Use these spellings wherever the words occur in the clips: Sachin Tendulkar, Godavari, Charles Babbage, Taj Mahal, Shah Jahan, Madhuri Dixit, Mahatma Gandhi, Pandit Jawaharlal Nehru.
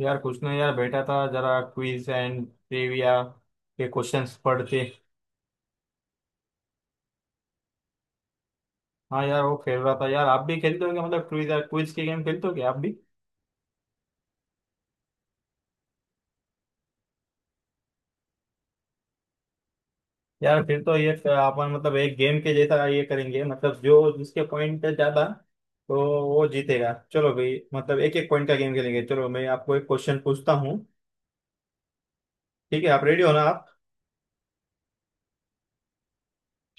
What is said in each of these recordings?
यार कुछ नहीं यार, बैठा था जरा क्विज एंड ट्रिविया के क्वेश्चंस पढ़ते। हाँ यार, वो खेल रहा था यार। आप भी खेलते हो क्या? मतलब क्विज, यार क्विज के गेम खेलते हो क्या आप भी? यार फिर तो ये अपन मतलब एक गेम के जैसा ये करेंगे, मतलब जो जिसके पॉइंट ज्यादा, तो वो जीतेगा। चलो भाई, मतलब एक एक पॉइंट का गेम खेलेंगे। चलो मैं आपको एक क्वेश्चन पूछता हूँ। ठीक है, आप रेडी हो ना आप?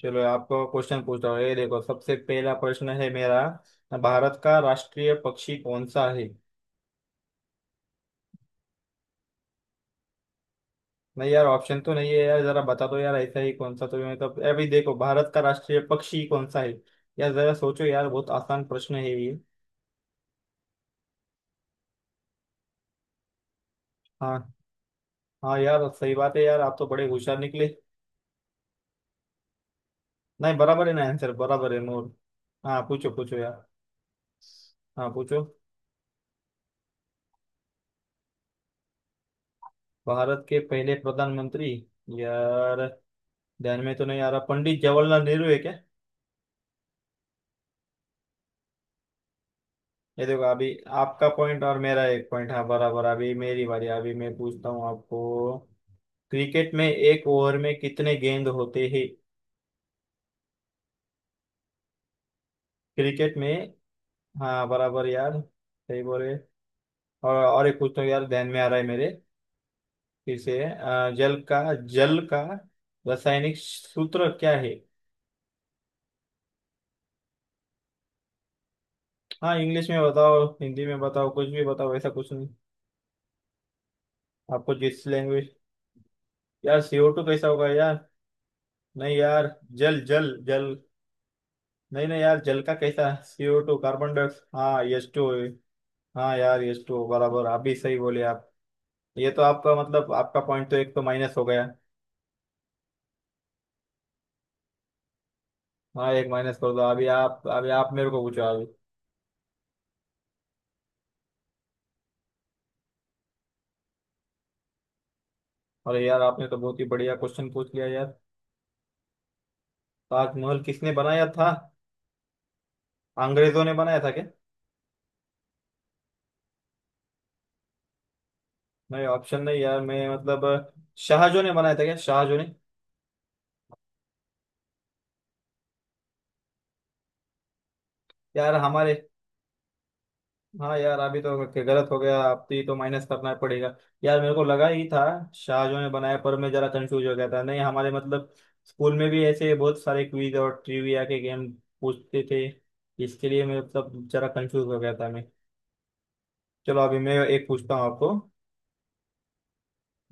चलो आपको क्वेश्चन पूछता हूँ, ये देखो सबसे पहला प्रश्न है मेरा। भारत का राष्ट्रीय पक्षी कौन सा है? नहीं यार, ऑप्शन तो नहीं है यार, जरा बता दो यार ऐसा ही। कौन सा, तो ये मतलब अभी देखो, भारत का राष्ट्रीय पक्षी कौन सा है? यार जरा सोचो यार, बहुत आसान प्रश्न है ये। हाँ। हाँ यार, सही बात है यार, आप तो बड़े होशियार निकले। नहीं, बराबर है ना आंसर? बराबर है, मोर। हाँ पूछो पूछो यार। हाँ पूछो, भारत के पहले प्रधानमंत्री। यार ध्यान में तो नहीं आ रहा, पंडित जवाहरलाल नेहरू है क्या? ये देखो अभी, आपका पॉइंट और मेरा एक पॉइंट। हाँ बराबर। अभी मेरी बारी, अभी मैं पूछता हूँ आपको। क्रिकेट में एक ओवर में कितने गेंद होते हैं? क्रिकेट में। हाँ बराबर यार, सही बोले। और एक पूछता हूँ यार, ध्यान में आ रहा है मेरे। फिर से जल का। जल का रासायनिक सूत्र क्या है? हाँ इंग्लिश में बताओ, हिंदी में बताओ, कुछ भी बताओ, ऐसा कुछ नहीं। आपको जिस लैंग्वेज। यार सीओ टू कैसा होगा यार? नहीं यार, जल जल जल। नहीं नहीं यार, जल का कैसा सीओ टू, कार्बन डाइऑक्साइड? हाँ एच टू। हाँ यार एच टू, बराबर। आप भी सही बोले आप। ये तो आपका मतलब आपका पॉइंट तो एक तो माइनस हो गया। हाँ एक माइनस कर दो। अभी आप, अभी आप मेरे को पूछो अभी। अरे यार, आपने तो बहुत ही बढ़िया क्वेश्चन पूछ लिया यार। ताजमहल किसने बनाया था? अंग्रेजों ने बनाया था क्या? नहीं ऑप्शन नहीं यार, मैं मतलब, शाहजहां ने बनाया था क्या, शाहजहां ने? यार हमारे। हाँ यार अभी तो गलत हो गया, अब तो ये तो माइनस करना पड़ेगा। यार मेरे को लगा ही था शाहजहां ने बनाया, पर मैं जरा कंफ्यूज हो गया था। नहीं हमारे मतलब, स्कूल में भी ऐसे बहुत सारे क्विज और ट्रिविया के गेम पूछते थे, इसके लिए मैं मतलब जरा कंफ्यूज हो गया था मैं। चलो अभी मैं एक पूछता हूँ आपको।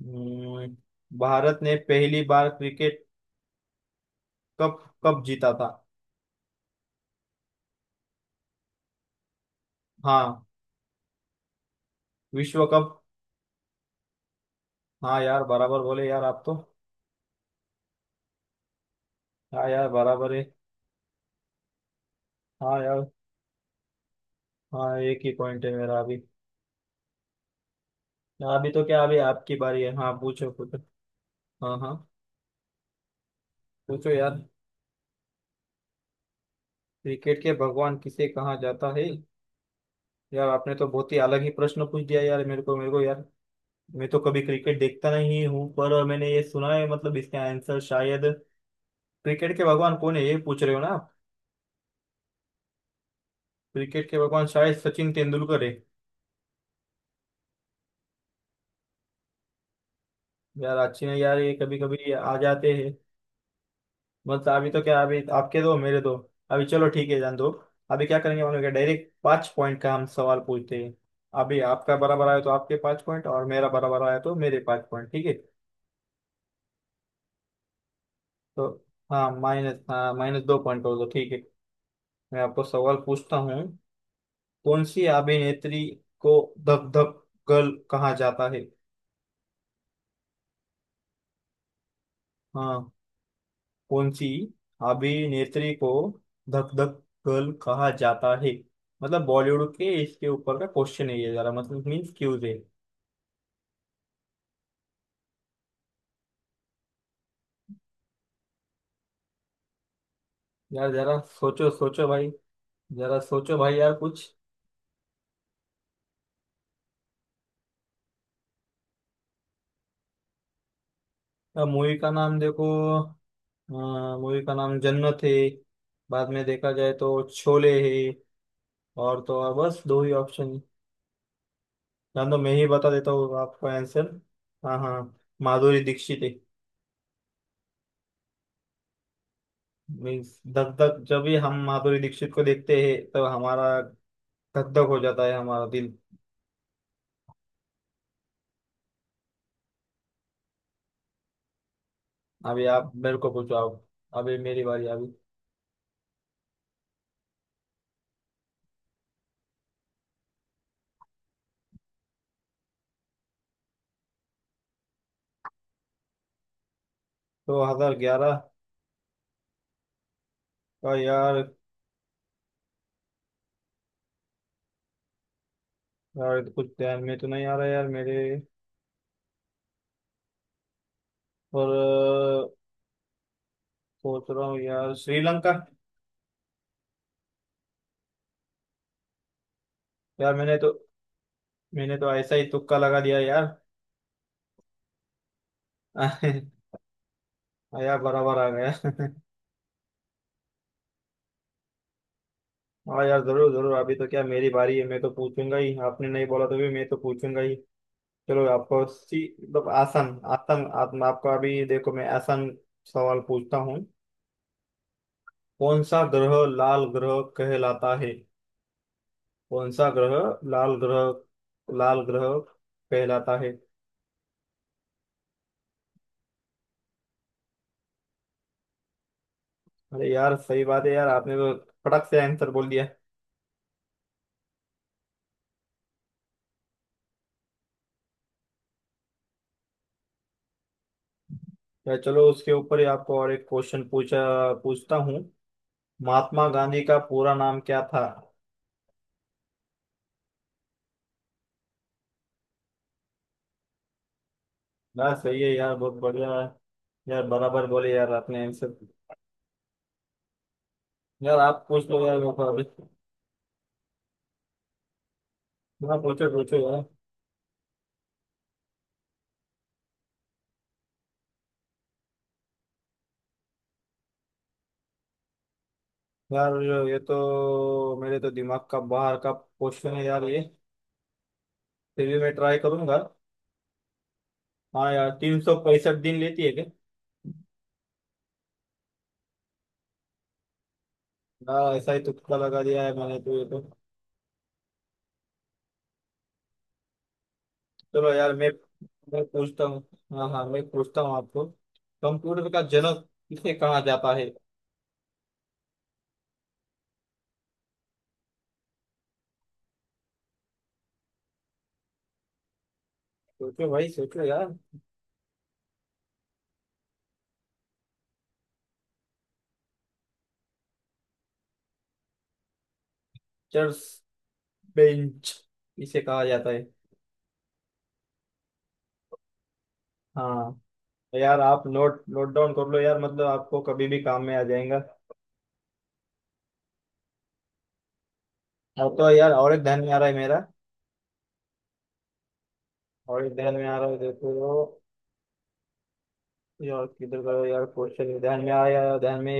हम्म, भारत ने पहली बार क्रिकेट कप कब जीता था? हाँ विश्व कप। हाँ यार, बराबर बोले यार आप तो। हाँ यार बराबर है। हाँ यार। हाँ, एक ही पॉइंट है मेरा अभी। हाँ, अभी तो क्या, अभी आपकी बारी है। हाँ पूछो कुछ। हाँ हाँ, पूछो यार। क्रिकेट के भगवान किसे कहा जाता है? यार आपने तो बहुत ही अलग ही प्रश्न पूछ दिया यार, मेरे को यार। मैं तो कभी क्रिकेट देखता नहीं हूँ, पर मैंने ये सुना है, मतलब इसका आंसर शायद, क्रिकेट के भगवान कौन है ये पूछ रहे हो ना आप? क्रिकेट के भगवान शायद सचिन तेंदुलकर है। यार अच्छी नहीं यार, ये कभी कभी आ जाते हैं बस। अभी तो क्या, अभी आपके दो, मेरे दो। अभी चलो ठीक है जान दो। अभी क्या करेंगे, हम लोग डायरेक्ट 5 पॉइंट का हम सवाल पूछते हैं। अभी आपका बराबर आया तो आपके 5 पॉइंट, और मेरा बराबर आया तो मेरे 5 पॉइंट, ठीक है? तो हाँ माइनस, हाँ माइनस 2 पॉइंट हो तो ठीक है। मैं आपको सवाल पूछता हूँ। कौन सी अभिनेत्री को धक धक गर्ल कहा जाता है? हाँ, कौन सी अभिनेत्री को धक धक गर्ल कहा जाता है? मतलब बॉलीवुड के, इसके ऊपर का क्वेश्चन है ये, जरा मतलब मीन्स क्यूज है। यार जरा सोचो सोचो भाई, जरा सोचो भाई यार कुछ। मूवी का नाम देखो, मूवी का नाम जन्नत है, बाद में देखा जाए तो शोले है, और तो और बस दो ही ऑप्शन, या तो मैं ही बता देता हूँ आपको आंसर। हाँ हाँ, माधुरी दीक्षित है। मीन्स धक धक, जब भी हम माधुरी दीक्षित को देखते हैं तब हमारा धक धक हो जाता है हमारा दिल। अभी आप मेरे को पूछो आप। अभी मेरी बारी अभी। 2011 का यार। यार ये तो कुछ ध्यान में तो नहीं आ रहा यार मेरे। और सोच रहा हूँ यार, श्रीलंका। यार मैंने तो ऐसा ही तुक्का लगा दिया यार। यार बराबर आ गया। हाँ यार जरूर जरूर, अभी तो क्या, मेरी बारी है, मैं तो पूछूंगा ही, आपने नहीं बोला तो भी मैं तो पूछूंगा ही। चलो आपको सी मतलब आसान आसान। आपको अभी देखो मैं आसान सवाल पूछता हूँ। कौन सा ग्रह लाल ग्रह कहलाता है? कौन सा ग्रह, लाल ग्रह, लाल ग्रह कहलाता है? अरे यार सही बात है यार, आपने तो फटक से आंसर बोल दिया। यार चलो उसके ऊपर ही आपको और एक क्वेश्चन पूछा, पूछता हूँ। महात्मा गांधी का पूरा नाम क्या था? यार सही है यार, बहुत बढ़िया है। यार बराबर बोले यार, आपने आंसर। यार आप पूछ लो यार मेरे को अभी। हाँ पूछो पूछो यार। यार ये तो मेरे तो दिमाग का बाहर का क्वेश्चन है यार ये। फिर भी मैं ट्राई करूंगा। हाँ यार 365 दिन लेती है क्या? यार ऐसा ही तुक्का लगा दिया है मैंने तो ये तो। चलो यार मैं पूछता हूँ। हाँ हाँ मैं पूछता हूँ आपको। कंप्यूटर का जनक किसे कहा जाता है? सोचो भाई सोचो यार, चर्च बेंच किसे कहा जाता है। हाँ। यार आप नोट नोट डाउन कर लो यार, मतलब आपको कभी भी काम में आ जाएगा। और तो यार और एक ध्यान में आ रहा है मेरा। और एक ध्यान में आ रहा है देखो। यार किधर गया यार क्वेश्चन, ध्यान में आया, ध्यान में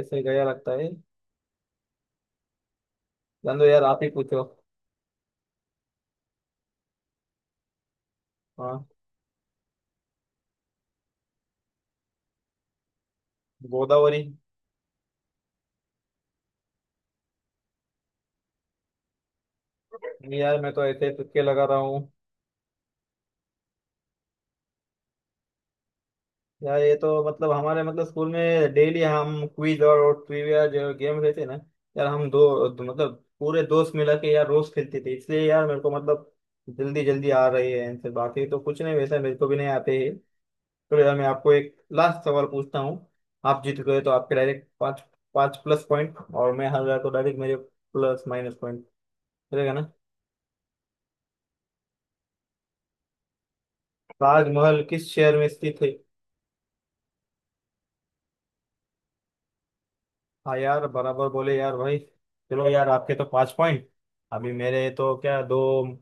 ऐसे गया लगता है। जान दो यार, आप ही पूछो। हाँ गोदावरी। नहीं यार, मैं तो ऐसे तुक्के लगा रहा हूँ। यार ये तो मतलब हमारे मतलब स्कूल में डेली हम क्विज और ट्रिविया जो गेम रहते हैं ना, यार हम दो, दो मतलब पूरे दोस्त मिला के यार रोज खेलते थे, इसलिए यार मेरे को मतलब जल्दी जल्दी आ रही है आंसर, बाकी तो कुछ नहीं वैसा मेरे को भी नहीं आते हैं। तो यार मैं आपको एक लास्ट सवाल पूछता हूँ। आप जीत गए तो आपके डायरेक्ट पाँच, पाँच प्लस पॉइंट, और मैं हार गया तो डायरेक्ट मेरे प्लस माइनस पॉइंट रहेगा ना। ताजमहल किस शहर में स्थित है? हाँ यार बराबर बोले यार भाई। चलो यार, आपके तो 5 पॉइंट, अभी मेरे तो क्या दो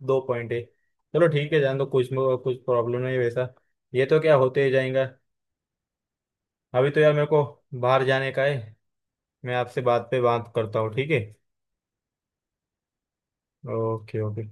दो पॉइंट है। चलो ठीक है जान दो, कुछ कुछ प्रॉब्लम नहीं वैसा, ये तो क्या होते ही जाएगा। अभी तो यार मेरे को बाहर जाने का है। मैं आपसे बात पे बात करता हूँ ठीक है? Okay okay.